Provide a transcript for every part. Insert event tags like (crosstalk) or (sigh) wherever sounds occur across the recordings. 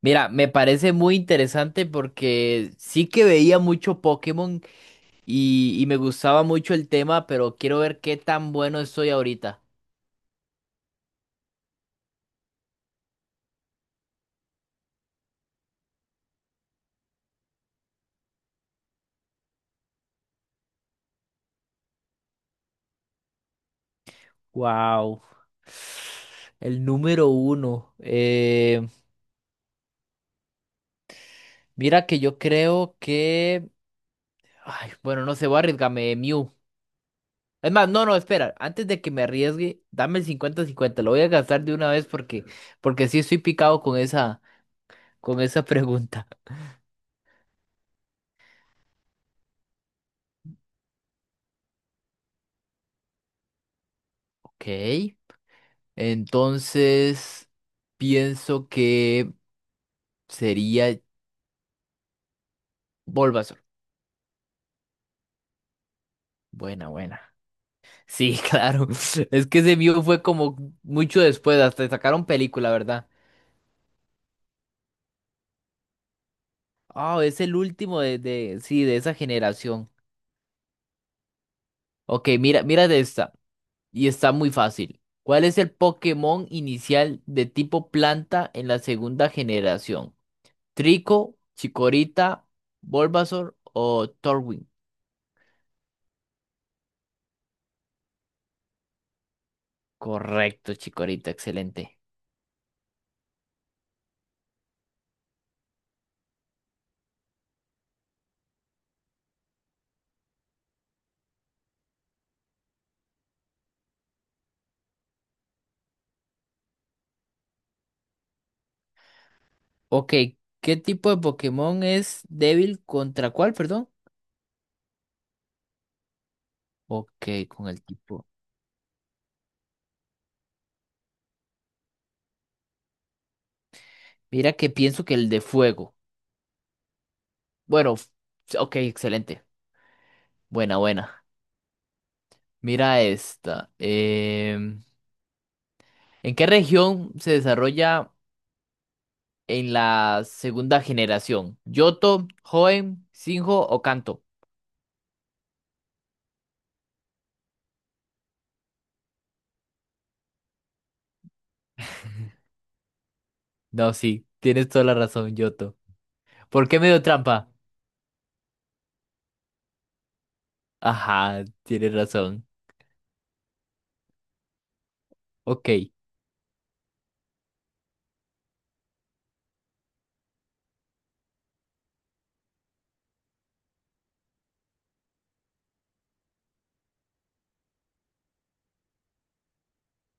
Mira, me parece muy interesante porque sí que veía mucho Pokémon y me gustaba mucho el tema, pero quiero ver qué tan bueno estoy ahorita. Wow. El número uno. Mira que yo creo que. Ay, bueno, no sé, voy a arriesgarme, Mew. Es más, no, no, espera. Antes de que me arriesgue, dame el 50-50. Lo voy a gastar de una vez porque, porque sí estoy picado con esa pregunta. (laughs) Ok. Entonces, pienso que sería Bulbasaur. Buena, buena. Sí, (laughs) claro. Es que ese mío fue como mucho después, hasta sacaron película, ¿verdad? Ah, es el último de esa generación. Ok, mira, mira de esta. Y está muy fácil. ¿Cuál es el Pokémon inicial de tipo planta en la segunda generación? ¿Trico, Chikorita, Bulbasaur o Torwin? Correcto, Chikorita, excelente. Ok, ¿qué tipo de Pokémon es débil contra cuál, perdón? Ok, con el tipo. Mira que pienso que el de fuego. Bueno, ok, excelente. Buena, buena. Mira esta. ¿En qué región se desarrolla en la segunda generación? ¿Yoto, Hoenn, Sinjo o Kanto? No, sí, tienes toda la razón, Yoto. ¿Por qué me dio trampa? Ajá, tienes razón. Ok.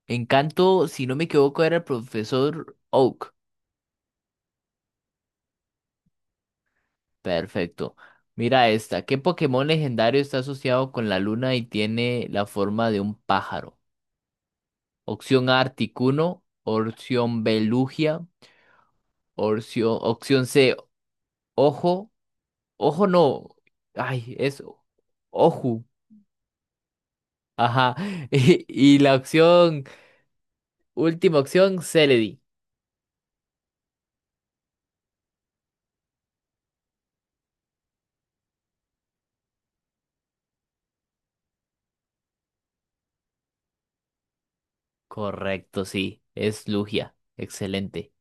En Kanto, si no me equivoco, era el profesor Oak. Perfecto. Mira esta. ¿Qué Pokémon legendario está asociado con la luna y tiene la forma de un pájaro? Opción A, Articuno. Opción B, Lugia. Opción C, Ojo. Ojo no. Ay, es Oju. Ajá. (laughs) Y última opción, Celedi. Correcto, sí. Es Lugia. Excelente.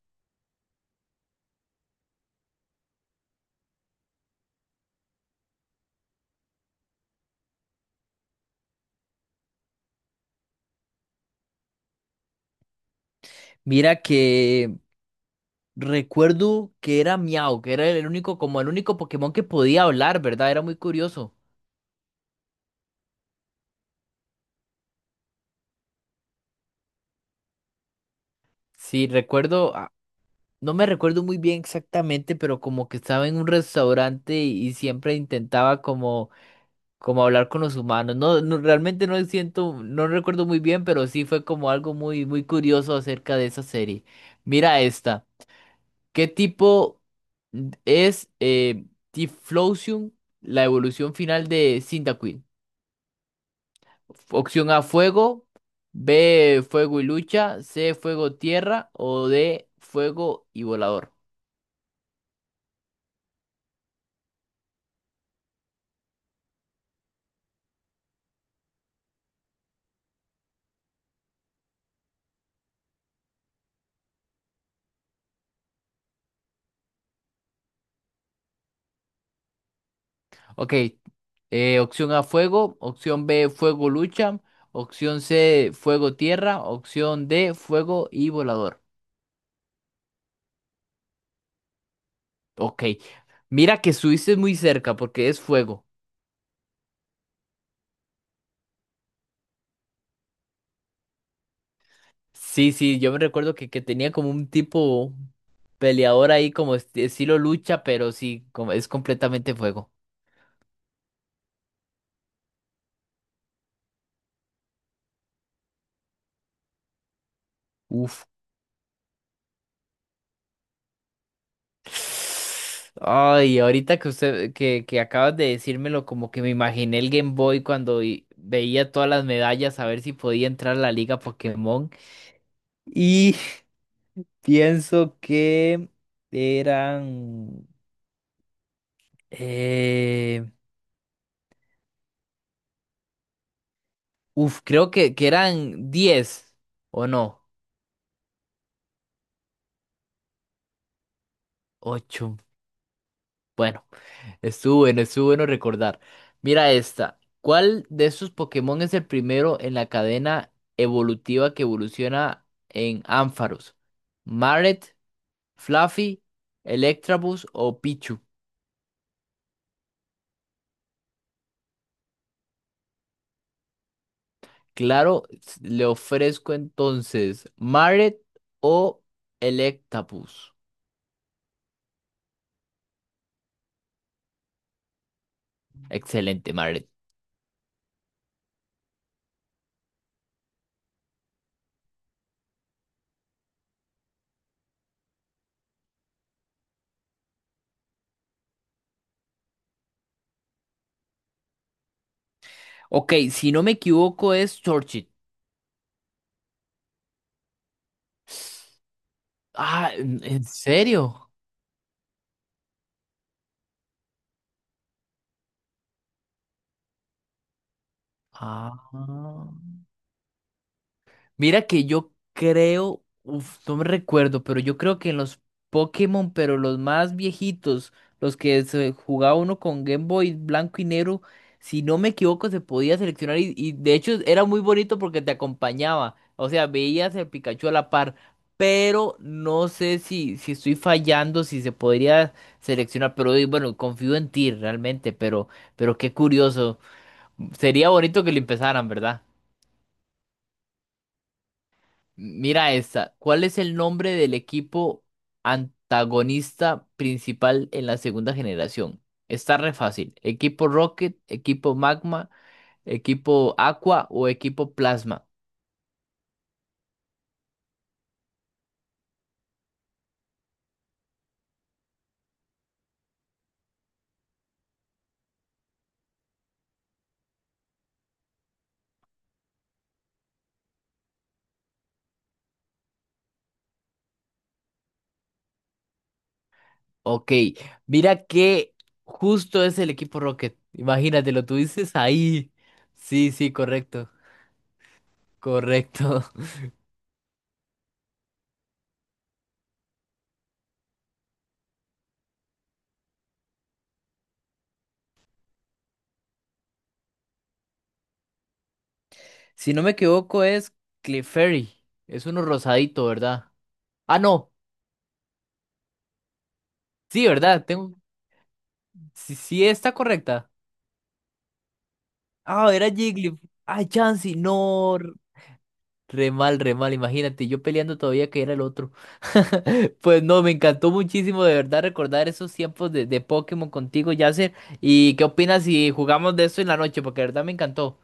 Mira que recuerdo que era Miau, que era el único, como el único Pokémon que podía hablar, ¿verdad? Era muy curioso. Sí, recuerdo, no me recuerdo muy bien exactamente, pero como que estaba en un restaurante y siempre intentaba como, como hablar con los humanos. No, no, realmente no siento, no recuerdo muy bien, pero sí fue como algo muy, muy curioso acerca de esa serie. Mira esta. ¿Qué tipo es Tiflosium, la evolución final de Cyndaquil? Opción A, fuego. B, fuego y lucha. C, fuego, tierra. O D, fuego y volador. Ok. Opción A, fuego. Opción B, fuego, lucha. Opción C, fuego, tierra. Opción D, fuego y volador. Ok. Mira que estuviste muy cerca porque es fuego. Sí, sí, yo me recuerdo que tenía como un tipo peleador ahí como estilo lucha, pero sí, como es completamente fuego. Uf. Ay, ahorita que que acabas de decírmelo, como que me imaginé el Game Boy cuando veía todas las medallas a ver si podía entrar a la Liga Pokémon. Y (laughs) pienso que eran, eh, uf, creo que eran 10 o no, 8. Bueno. Estuvo bueno, estuvo bueno recordar. Mira esta. ¿Cuál de estos Pokémon es el primero en la cadena evolutiva que evoluciona en Ampharos? ¿Maret, Fluffy, Electabuzz o Pichu? Claro, le ofrezco entonces Maret o Electabuzz. Excelente, Maret. Ok, si no me equivoco es Torchic. Ah, ¿en serio? Ah. Mira que yo creo, uf, no me recuerdo, pero yo creo que en los Pokémon, pero los más viejitos, los que se jugaba uno con Game Boy blanco y negro, si no me equivoco, se podía seleccionar y de hecho era muy bonito porque te acompañaba, o sea, veías el Pikachu a la par, pero no sé si estoy fallando, si se podría seleccionar, pero bueno, confío en ti realmente, pero qué curioso, sería bonito que lo empezaran, ¿verdad? Mira esta. ¿Cuál es el nombre del equipo antagonista principal en la segunda generación? Está re fácil. ¿Equipo Rocket, equipo Magma, equipo Aqua o equipo Plasma? Ok. Mira que justo es el equipo Rocket. Imagínate, lo tuviste ahí. Sí, sí, correcto. Correcto. (laughs) Si no me equivoco, es Clefairy. Es uno rosadito, ¿verdad? Ah, no. Sí, ¿verdad? Tengo. Sí, sí está correcta. Ah, era Jigglypuff. Ah, Chansey, no. Re mal, imagínate, yo peleando todavía que era el otro. (laughs) Pues no, me encantó muchísimo de verdad recordar esos tiempos de Pokémon contigo, Yasser. ¿Y qué opinas si jugamos de eso en la noche? Porque de verdad me encantó.